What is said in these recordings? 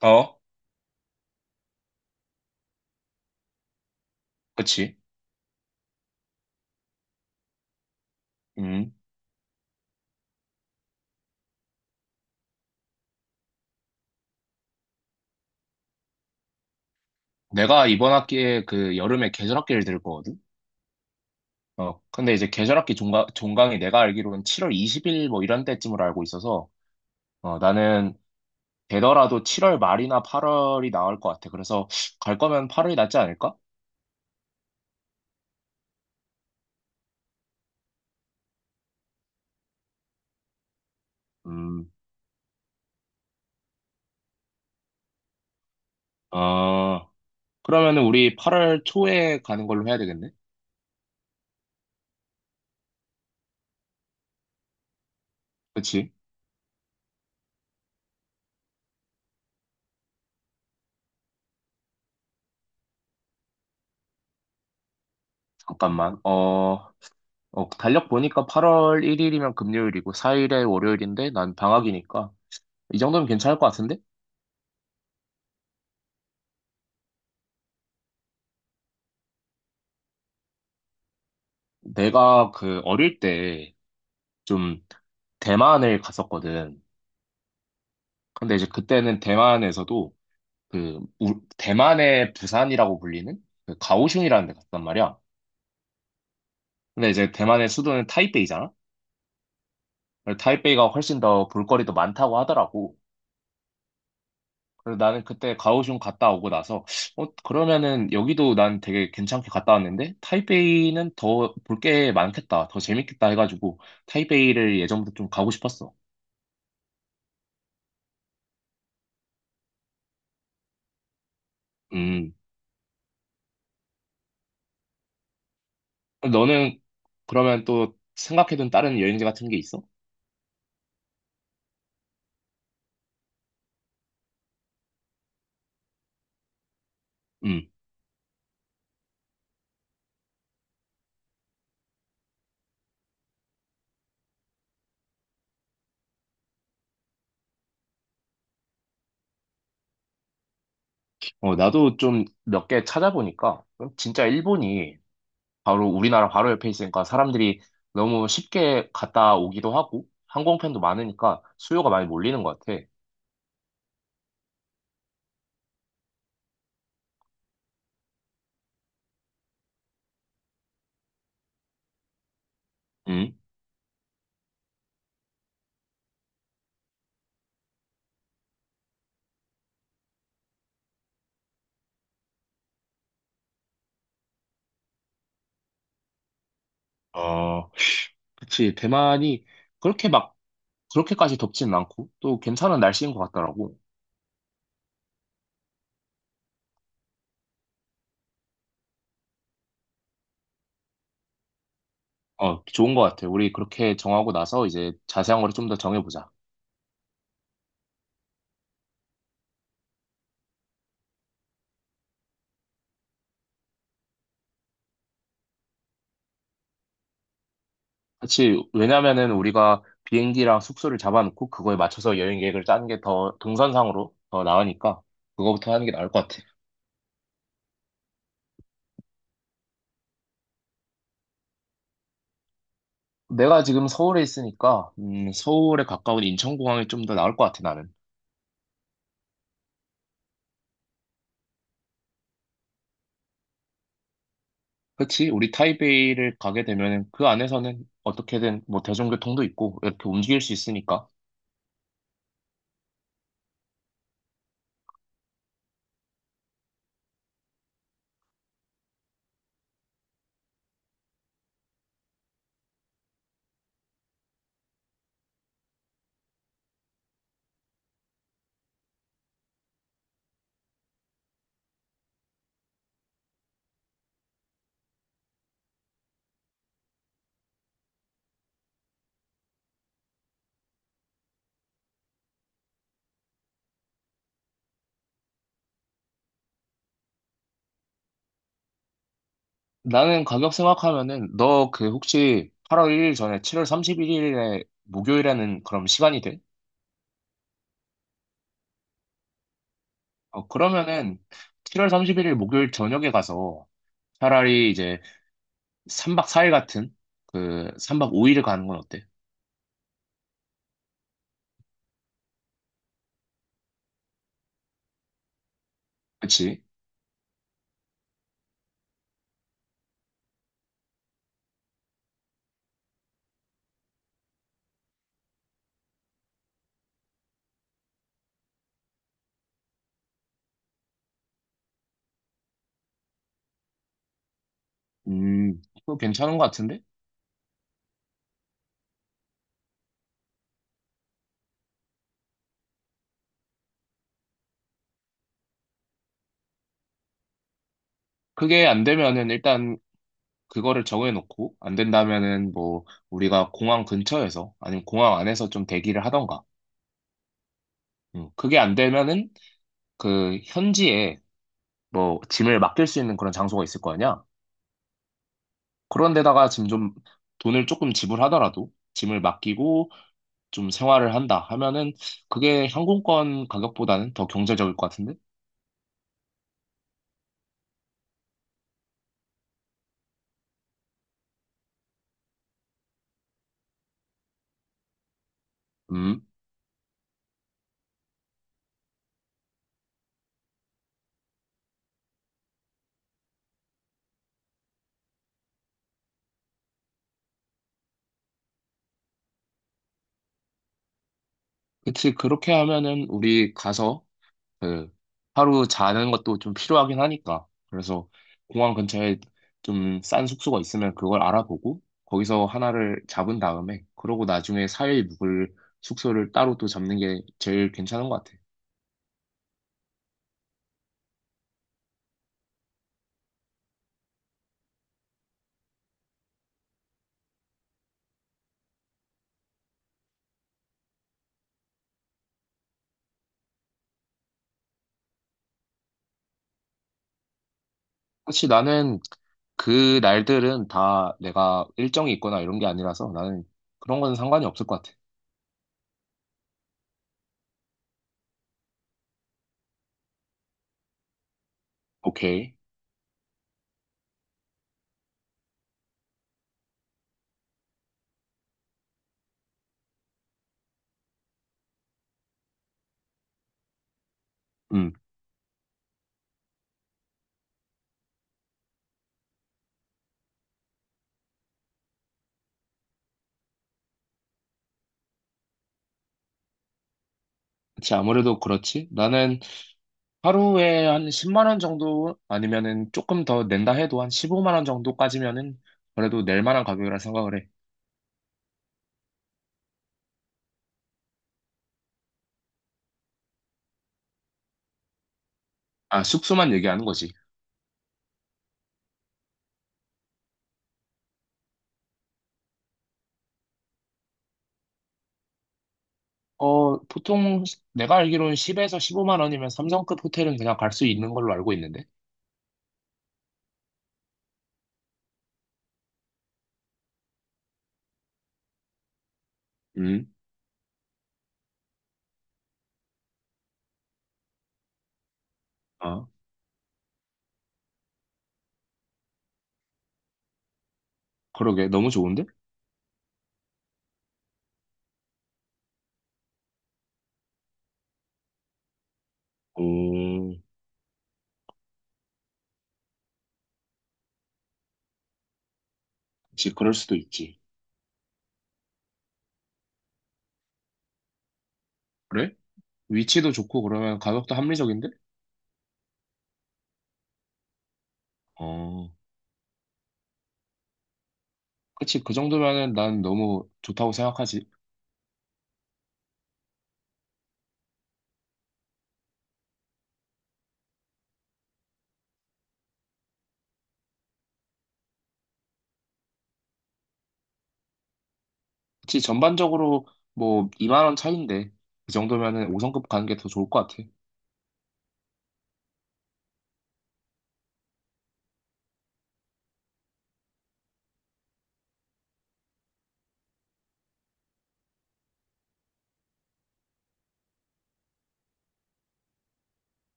어, 그치. 음. 내가 이번 학기에 그 여름에 계절학기를 들 거거든? 어, 근데 이제 계절학기 종강이 내가 알기로는 7월 20일 뭐 이런 때쯤으로 알고 있어서, 어, 나는 되더라도 7월 말이나 8월이 나을 것 같아. 그래서 갈 거면 8월이 낫지 않을까? 음, 어, 그러면은 우리 8월 초에 가는 걸로 해야 되겠네? 그치? 잠깐만. 달력 보니까 8월 1일이면 금요일이고, 4일에 월요일인데, 난 방학이니까. 이 정도면 괜찮을 것 같은데? 내가 그 어릴 때 좀 대만을 갔었거든. 근데 이제 그때는 대만에서도 그 대만의 부산이라고 불리는 그 가오슝이라는 데 갔단 말이야. 근데 이제 대만의 수도는 타이페이잖아. 그래서 타이페이가 훨씬 더 볼거리도 많다고 하더라고. 그래서 나는 그때 가오슝 갔다 오고 나서 그러면은 여기도 난 되게 괜찮게 갔다 왔는데 타이페이는 더 볼 게 많겠다. 더 재밌겠다 해가지고 타이페이를 예전부터 좀 가고 싶었어. 음. 너는 그러면 또 생각해둔 다른 여행지 같은 게 있어? 음. 나도 좀 몇 개 찾아보니까 진짜 일본이 바로 우리나라 바로 옆에 있으니까 사람들이 너무 쉽게 갔다 오기도 하고 항공편도 많으니까 수요가 많이 몰리는 것 같아. 음. 어, 그치. 대만이 그렇게 막 그렇게까지 덥진 않고 또 괜찮은 날씨인 것 같더라고. 어, 좋은 것 같아. 우리 그렇게 정하고 나서 이제 자세한 거를 좀 더 정해보자. 그치. 왜냐면은 우리가 비행기랑 숙소를 잡아놓고 그거에 맞춰서 여행 계획을 짜는 게 더 동선상으로 더 나으니까 그거부터 하는 게 나을 것 같아. 내가 지금 서울에 있으니까 서울에 가까운 인천공항이 좀 더 나을 것 같아 나는. 그치? 우리 타이베이를 가게 되면은 그 안에서는 어떻게든 뭐 대중교통도 있고 이렇게 움직일 수 있으니까. 나는 가격 생각하면은 너 그 혹시 8월 1일 전에 7월 31일에 목요일에는 그럼 시간이 돼? 어, 그러면은 7월 31일 목요일 저녁에 가서 차라리 이제 3박 4일 같은 그 3박 5일을 가는 건 어때? 그치? 그거 괜찮은 것 같은데? 그게 안 되면은 일단 그거를 정해놓고 안 된다면은 뭐 우리가 공항 근처에서 아니면 공항 안에서 좀 대기를 하던가. 그게 안 되면은 그 현지에 뭐 짐을 맡길 수 있는 그런 장소가 있을 거 아니야? 그런 데다가 지금 좀 돈을 조금 지불하더라도 짐을 맡기고 좀 생활을 한다 하면은 그게 항공권 가격보다는 더 경제적일 것 같은데? 음, 그치. 그렇게 하면은 우리 가서 그 하루 자는 것도 좀 필요하긴 하니까. 그래서 공항 근처에 좀 싼 숙소가 있으면 그걸 알아보고 거기서 하나를 잡은 다음에 그러고 나중에 4일 묵을 숙소를 따로 또 잡는 게 제일 괜찮은 것 같아. 사실 나는 그 날들은 다 내가 일정이 있거나 이런 게 아니라서 나는 그런 건 상관이 없을 것 같아. 오케이. 음. 그치. 아무래도 그렇지. 나는 하루에 한 10만 원 정도 아니면은 조금 더 낸다 해도 한 15만 원 정도까지면은 그래도 낼 만한 가격이라 생각을 해. 아, 숙소만 얘기하는 거지. 어, 보통 내가 알기로는 10에서 15만 원이면 3성급 호텔은 그냥 갈 수 있는 걸로 알고 있는데. 음, 아, 그러게. 너무 좋은데? 오, 그치, 그럴 수도 있지. 그래? 위치도 좋고 그러면 가격도 합리적인데? 어, 그치. 그 정도면은 난 너무 좋다고 생각하지. 그치, 전반적으로 뭐 2만 원 차이인데 그 정도면은 5성급 가는 게 더 좋을 것 같아.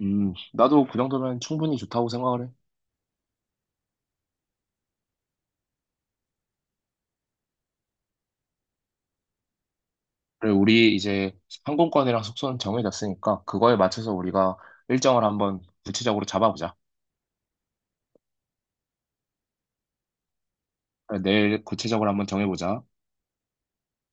나도 그 정도면 충분히 좋다고 생각을 해. 그래, 우리 이제 항공권이랑 숙소는 정해졌으니까 그거에 맞춰서 우리가 일정을 한번 구체적으로 잡아보자. 그래, 내일 구체적으로 한번 정해보자.